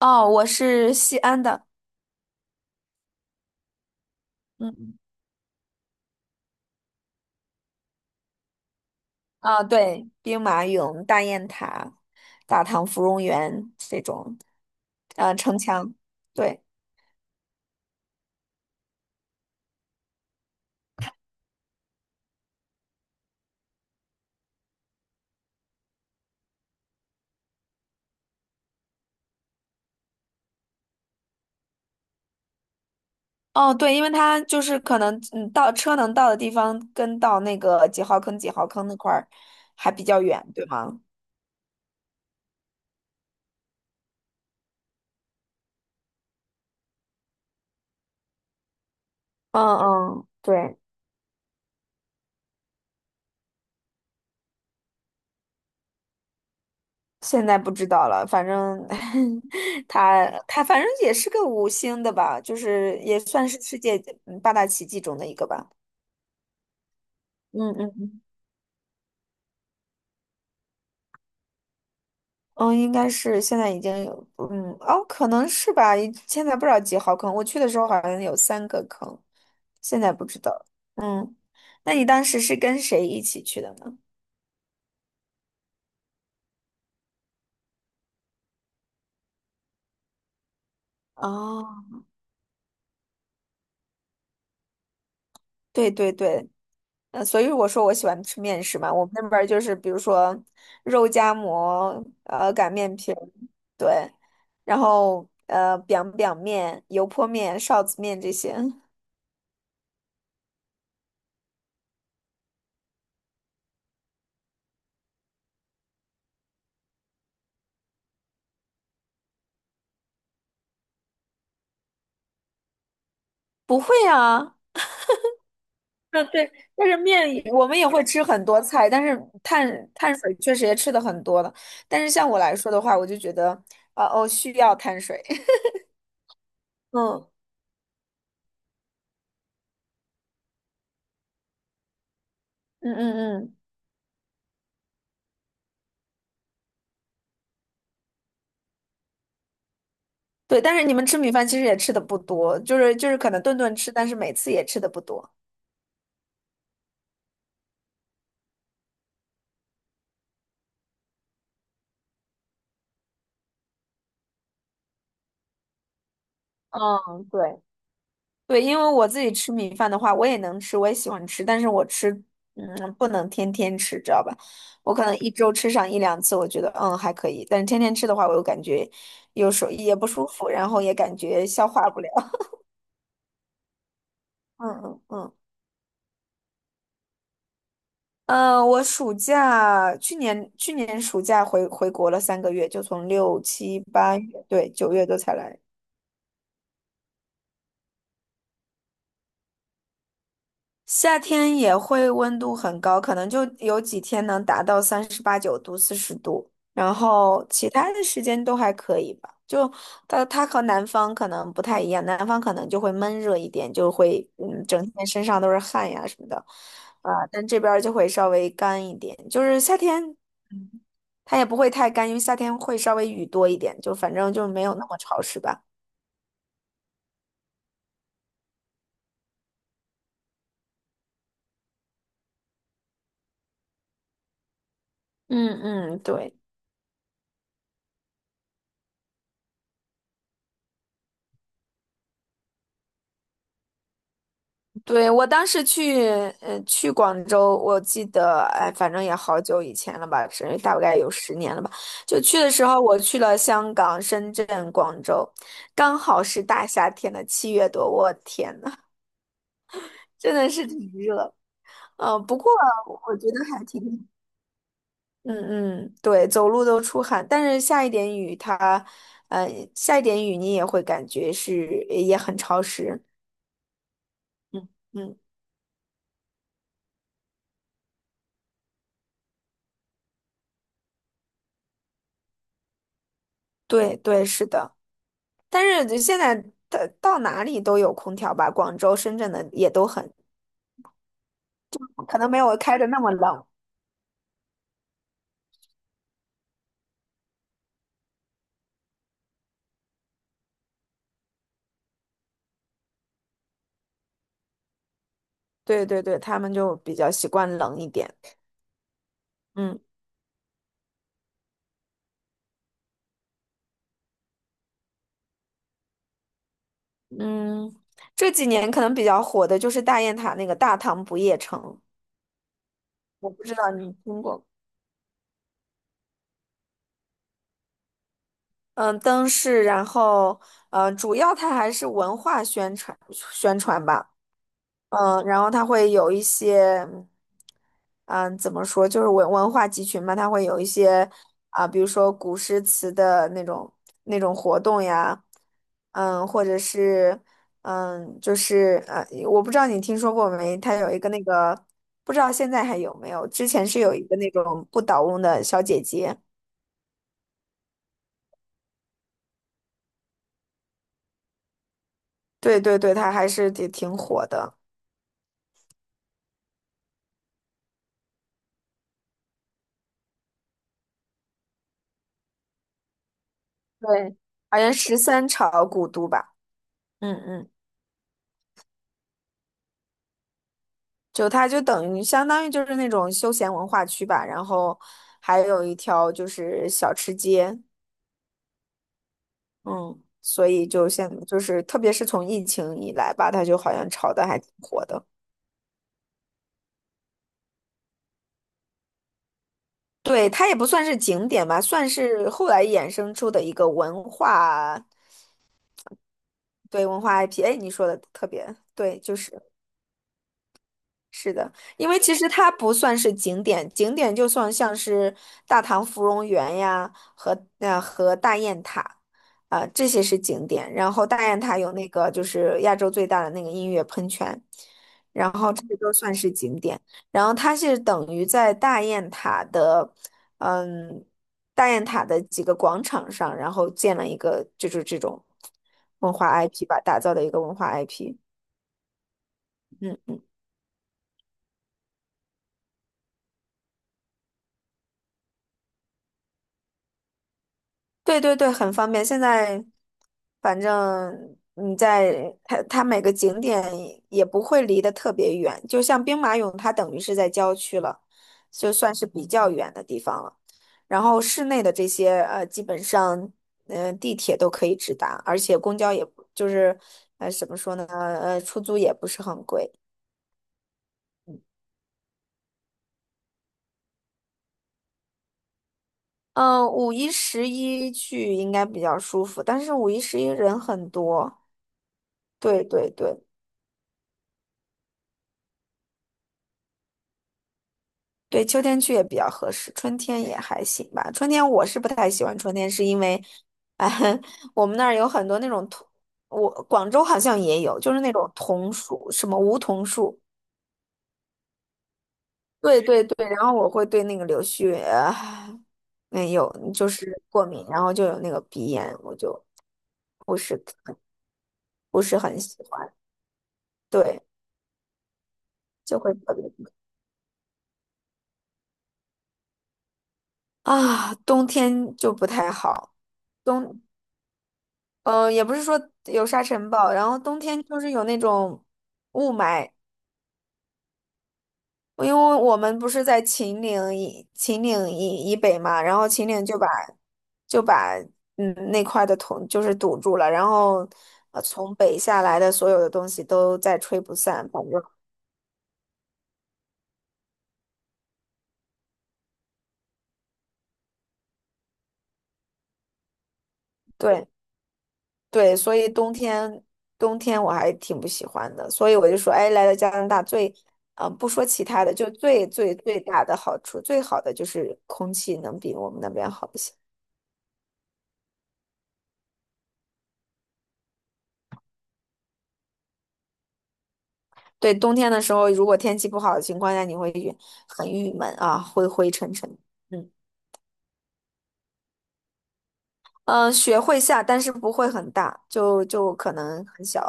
哦，我是西安的。嗯，对，兵马俑、大雁塔、大唐芙蓉园这种，城墙，对。哦，对，因为它就是可能，嗯，到车能到的地方跟到那个几号坑那块儿还比较远，对吗？嗯嗯，对，现在不知道了，反正 它反正也是个五星的吧，就是也算是世界嗯八大奇迹中的一个吧。嗯嗯嗯嗯，应该是现在已经有，嗯，哦，可能是吧，现在不知道几号坑，我去的时候好像有三个坑，现在不知道。嗯，那你当时是跟谁一起去的呢？哦，对对对，所以我说我喜欢吃面食嘛，我们那边儿就是比如说肉夹馍，擀面皮儿，对，然后b i 面、油泼面、臊子面这些。不会啊。嗯，对，但是面也我们也会吃很多菜，但是碳水确实也吃的很多了。但是像我来说的话，我就觉得，需要碳水。嗯嗯嗯嗯，对。但是你们吃米饭其实也吃的不多，就是可能顿顿吃，但是每次也吃的不多。嗯，对。对，因为我自己吃米饭的话，我也能吃，我也喜欢吃，但是我吃，嗯，不能天天吃，知道吧？我可能一周吃上一两次，我觉得嗯还可以，但是天天吃的话，我又感觉有时候也不舒服，然后也感觉消化不了。嗯嗯嗯。嗯，我暑假去年暑假回国了三个月，就从六七八月，对，九月多才来。夏天也会温度很高，可能就有几天能达到三十八九度、四十度，然后其他的时间都还可以吧。就它和南方可能不太一样，南方可能就会闷热一点，就会嗯整天身上都是汗呀什么的。啊，但这边儿就会稍微干一点。就是夏天，嗯，它也不会太干，因为夏天会稍微雨多一点，就反正就没有那么潮湿吧。嗯嗯，对。对，我当时去，去广州，我记得，哎，反正也好久以前了吧，是大概有十年了吧。就去的时候，我去了香港、深圳、广州，刚好是大夏天的七月多，我天呐，真的是挺热。嗯、不过我觉得还挺，嗯嗯，对，走路都出汗，但是下一点雨它，呃，下一点雨你也会感觉是也很潮湿。嗯嗯，对对，是的。但是就现在到哪里都有空调吧，广州、深圳的也都很，可能没有开的那么冷。对对对，他们就比较习惯冷一点。嗯嗯，这几年可能比较火的就是大雁塔那个大唐不夜城，我不知道你听过吗？嗯，灯饰，然后主要它还是文化宣传吧。嗯，然后它会有一些，嗯，怎么说，就是文化集群嘛，它会有一些啊，比如说古诗词的那种那种活动呀。嗯，或者是嗯，我不知道你听说过没，它有一个那个，不知道现在还有没有，之前是有一个那种不倒翁的小姐姐。对对对，它还是挺火的。对，好像十三朝古都吧。嗯嗯。就它就等于相当于就是那种休闲文化区吧，然后还有一条就是小吃街。嗯，所以就现就是特别是从疫情以来吧，它就好像炒的还挺火的。对，它也不算是景点吧，算是后来衍生出的一个文化。对，文化 IP。哎，你说的特别对，就是。是的，因为其实它不算是景点，景点就算像是大唐芙蓉园呀和大雁塔，啊、这些是景点。然后大雁塔有那个就是亚洲最大的那个音乐喷泉，然后这些都算是景点。然后它是等于在大雁塔的，嗯，大雁塔的几个广场上，然后建了一个就是这种文化 IP 吧，打造的一个文化 IP。嗯。对对对，很方便。现在反正你在它每个景点也不会离得特别远，就像兵马俑，它等于是在郊区了，就算是比较远的地方了。然后市内的这些基本上嗯、地铁都可以直达，而且公交也不就是呃怎么说呢呃出租也不是很贵。嗯、五一十一去应该比较舒服，但是五一十一人很多。对对对。对，秋天去也比较合适，春天也还行吧。春天我是不太喜欢春天，是因为，哎，我们那儿有很多那种桐，我广州好像也有，就是那种桐树，什么梧桐树。对对对，然后我会对那个柳絮，呃没有，就是过敏，然后就有那个鼻炎，我就不是不是很喜欢。对，就会特别啊，冬天就不太好。冬。嗯、呃也不是说有沙尘暴，然后冬天就是有那种雾霾，因为我们不是在秦岭以北嘛，然后秦岭就把嗯那块的土就是堵住了，然后从北下来的所有的东西都在吹不散，反正对。对，所以冬天我还挺不喜欢的，所以我就说，哎，来到加拿大最，嗯、不说其他的，就最大的好处，最好的就是空气能比我们那边好一些。对，冬天的时候，如果天气不好的情况下，你会很郁闷啊，灰灰沉沉。嗯嗯、雪会下，但是不会很大，就可能很小。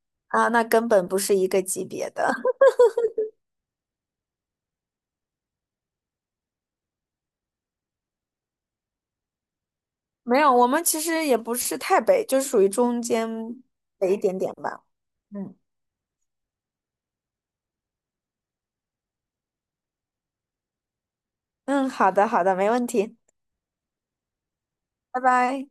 啊，那根本不是一个级别的。没有，我们其实也不是太北，就属于中间北一点点吧。嗯。嗯，好的，好的，没问题，拜拜。